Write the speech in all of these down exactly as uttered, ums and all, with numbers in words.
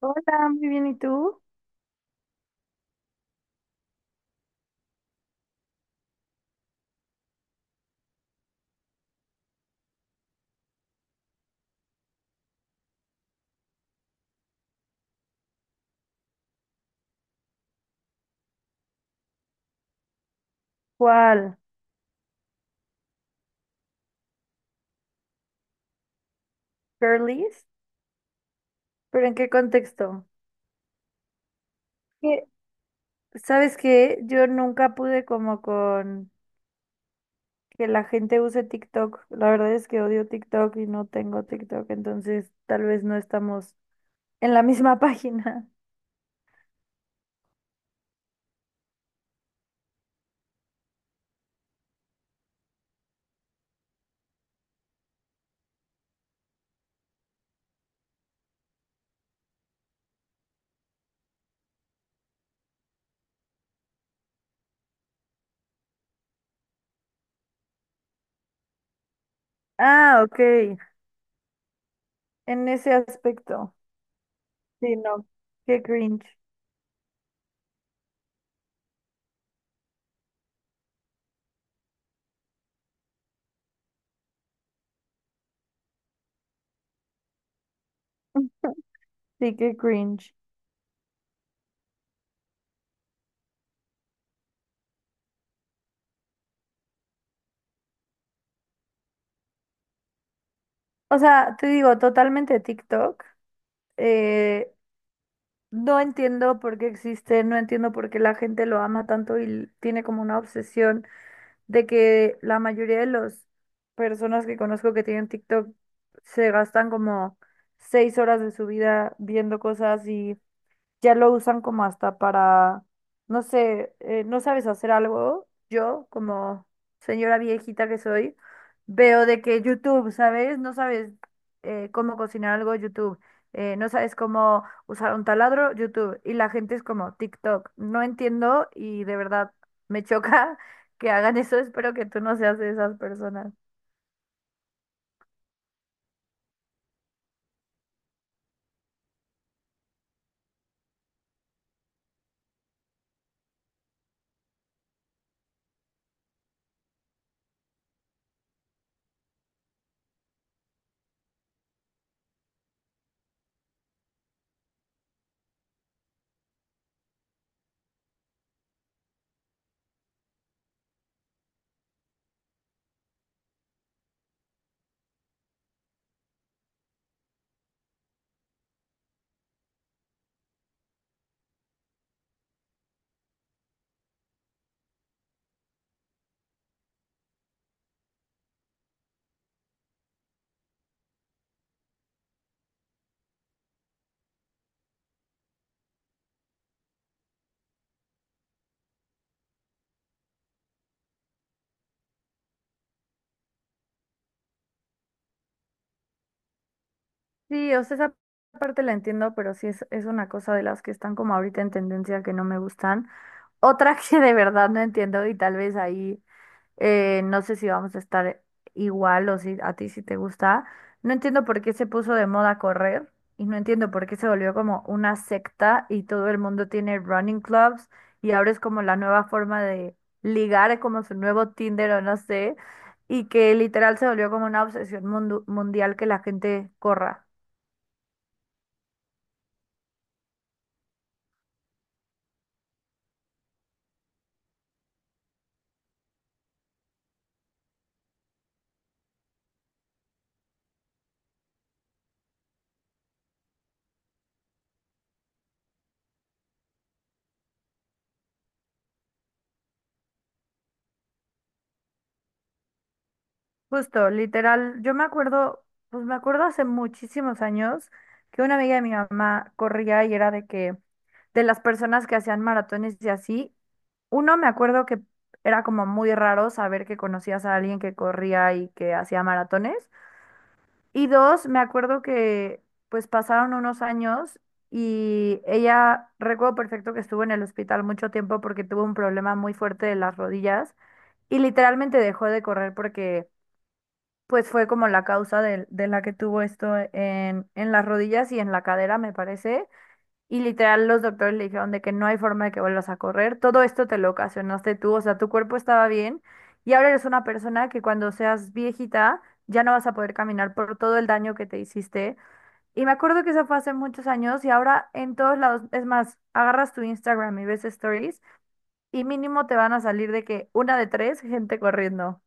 Hola, muy bien, ¿y tú? ¿Cuál? ¿Girlies? ¿Pero en qué contexto? Que, ¿Sabes qué? Yo nunca pude como con que la gente use TikTok. La verdad es que odio TikTok y no tengo TikTok, entonces tal vez no estamos en la misma página. Ah, ok. En ese aspecto. Sí, no. Qué cringe. Sí, qué cringe. O sea, te digo, totalmente TikTok. eh, No entiendo por qué existe, no entiendo por qué la gente lo ama tanto y l- tiene como una obsesión de que la mayoría de las personas que conozco que tienen TikTok se gastan como seis horas de su vida viendo cosas y ya lo usan como hasta para, no sé, eh, no sabes hacer algo. Yo, como señora viejita que soy, veo de que YouTube, ¿sabes? No sabes eh, cómo cocinar algo, YouTube. Eh, no sabes cómo usar un taladro, YouTube. Y la gente es como TikTok. No entiendo y de verdad me choca que hagan eso. Espero que tú no seas de esas personas. Sí, o sea, esa parte la entiendo, pero sí es, es una cosa de las que están como ahorita en tendencia que no me gustan. Otra que de verdad no entiendo y tal vez ahí eh, no sé si vamos a estar igual o si a ti si te gusta. No entiendo por qué se puso de moda correr y no entiendo por qué se volvió como una secta y todo el mundo tiene running clubs y ahora es como la nueva forma de ligar, es como su nuevo Tinder o no sé, y que literal se volvió como una obsesión mundu- mundial que la gente corra. Justo, literal, yo me acuerdo, pues me acuerdo hace muchísimos años que una amiga de mi mamá corría y era de que, de las personas que hacían maratones y así, uno me acuerdo que era como muy raro saber que conocías a alguien que corría y que hacía maratones. Y dos, me acuerdo que pues pasaron unos años y ella, recuerdo perfecto que estuvo en el hospital mucho tiempo porque tuvo un problema muy fuerte de las rodillas y literalmente dejó de correr porque pues fue como la causa de, de la que tuvo esto en, en las rodillas y en la cadera, me parece. Y literal los doctores le dijeron de que no hay forma de que vuelvas a correr. Todo esto te lo ocasionaste tú, o sea, tu cuerpo estaba bien y ahora eres una persona que cuando seas viejita ya no vas a poder caminar por todo el daño que te hiciste. Y me acuerdo que eso fue hace muchos años y ahora en todos lados, es más, agarras tu Instagram y ves stories y mínimo te van a salir de que una de tres gente corriendo.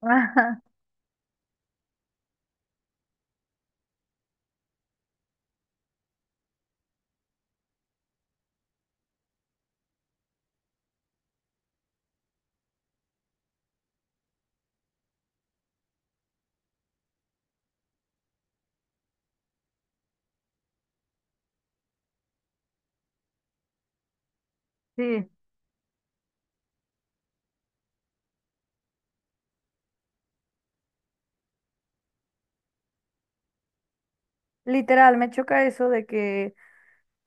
Ajá, sí. Literal, me choca eso de que,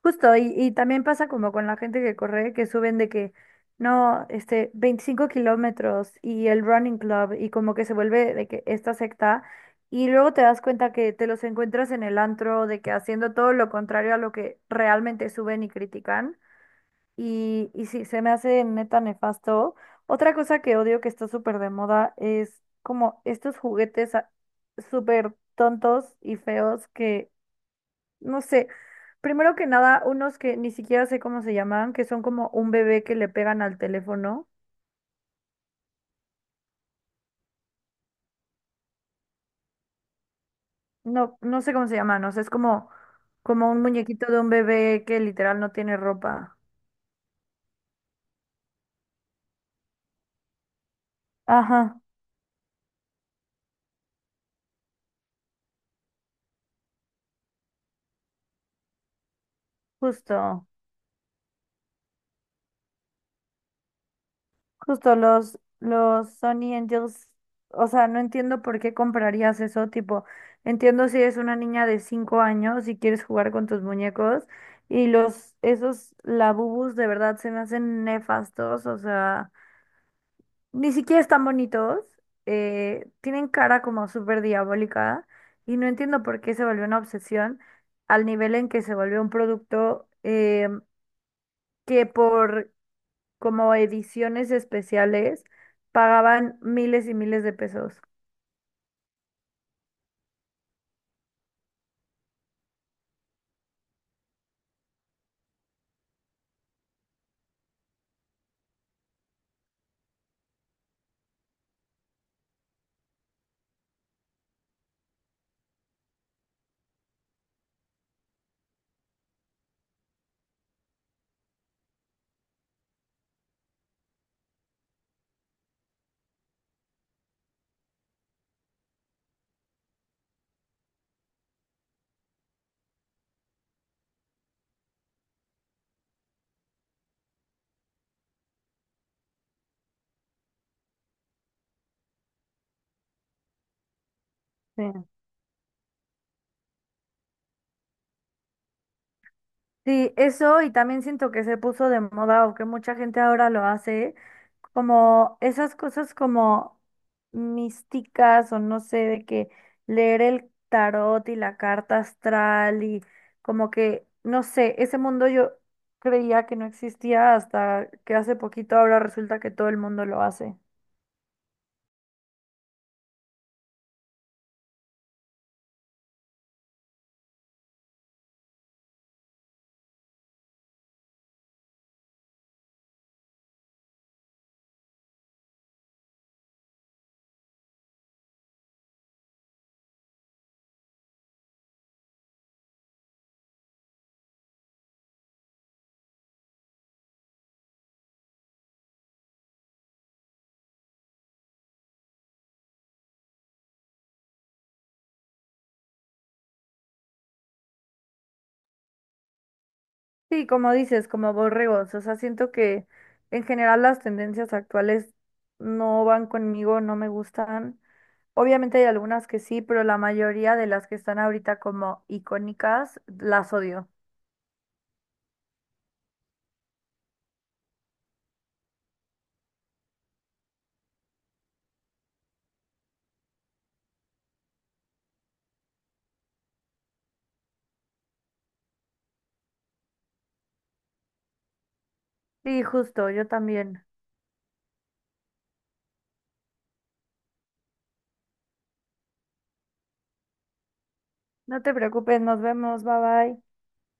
justo, y, y también pasa como con la gente que corre, que suben de que, no, este, veinticinco kilómetros y el running club y como que se vuelve de que esta secta y luego te das cuenta que te los encuentras en el antro de que haciendo todo lo contrario a lo que realmente suben y critican y, y sí, se me hace neta nefasto. Otra cosa que odio que está súper de moda es como estos juguetes ah, súper tontos y feos que no sé, primero que nada, unos que ni siquiera sé cómo se llaman, que son como un bebé que le pegan al teléfono. No, no sé cómo se llaman, o sea, es como, como un muñequito de un bebé que literal no tiene ropa. Ajá, justo, justo los, los Sony Angels, o sea, no entiendo por qué comprarías eso, tipo, entiendo si eres una niña de cinco años y quieres jugar con tus muñecos, y los, esos labubus de verdad se me hacen nefastos, o sea. Ni siquiera están bonitos, eh, tienen cara como súper diabólica y no entiendo por qué se volvió una obsesión al nivel en que se volvió un producto eh, que por como ediciones especiales pagaban miles y miles de pesos. Sí. Sí, eso y también siento que se puso de moda o que mucha gente ahora lo hace como esas cosas como místicas o no sé, de que leer el tarot y la carta astral y como que, no sé, ese mundo yo creía que no existía hasta que hace poquito ahora resulta que todo el mundo lo hace. Sí, como dices, como borregos, o sea, siento que en general las tendencias actuales no van conmigo, no me gustan. Obviamente hay algunas que sí, pero la mayoría de las que están ahorita como icónicas las odio. Sí, justo, yo también. No te preocupes, nos vemos, bye bye.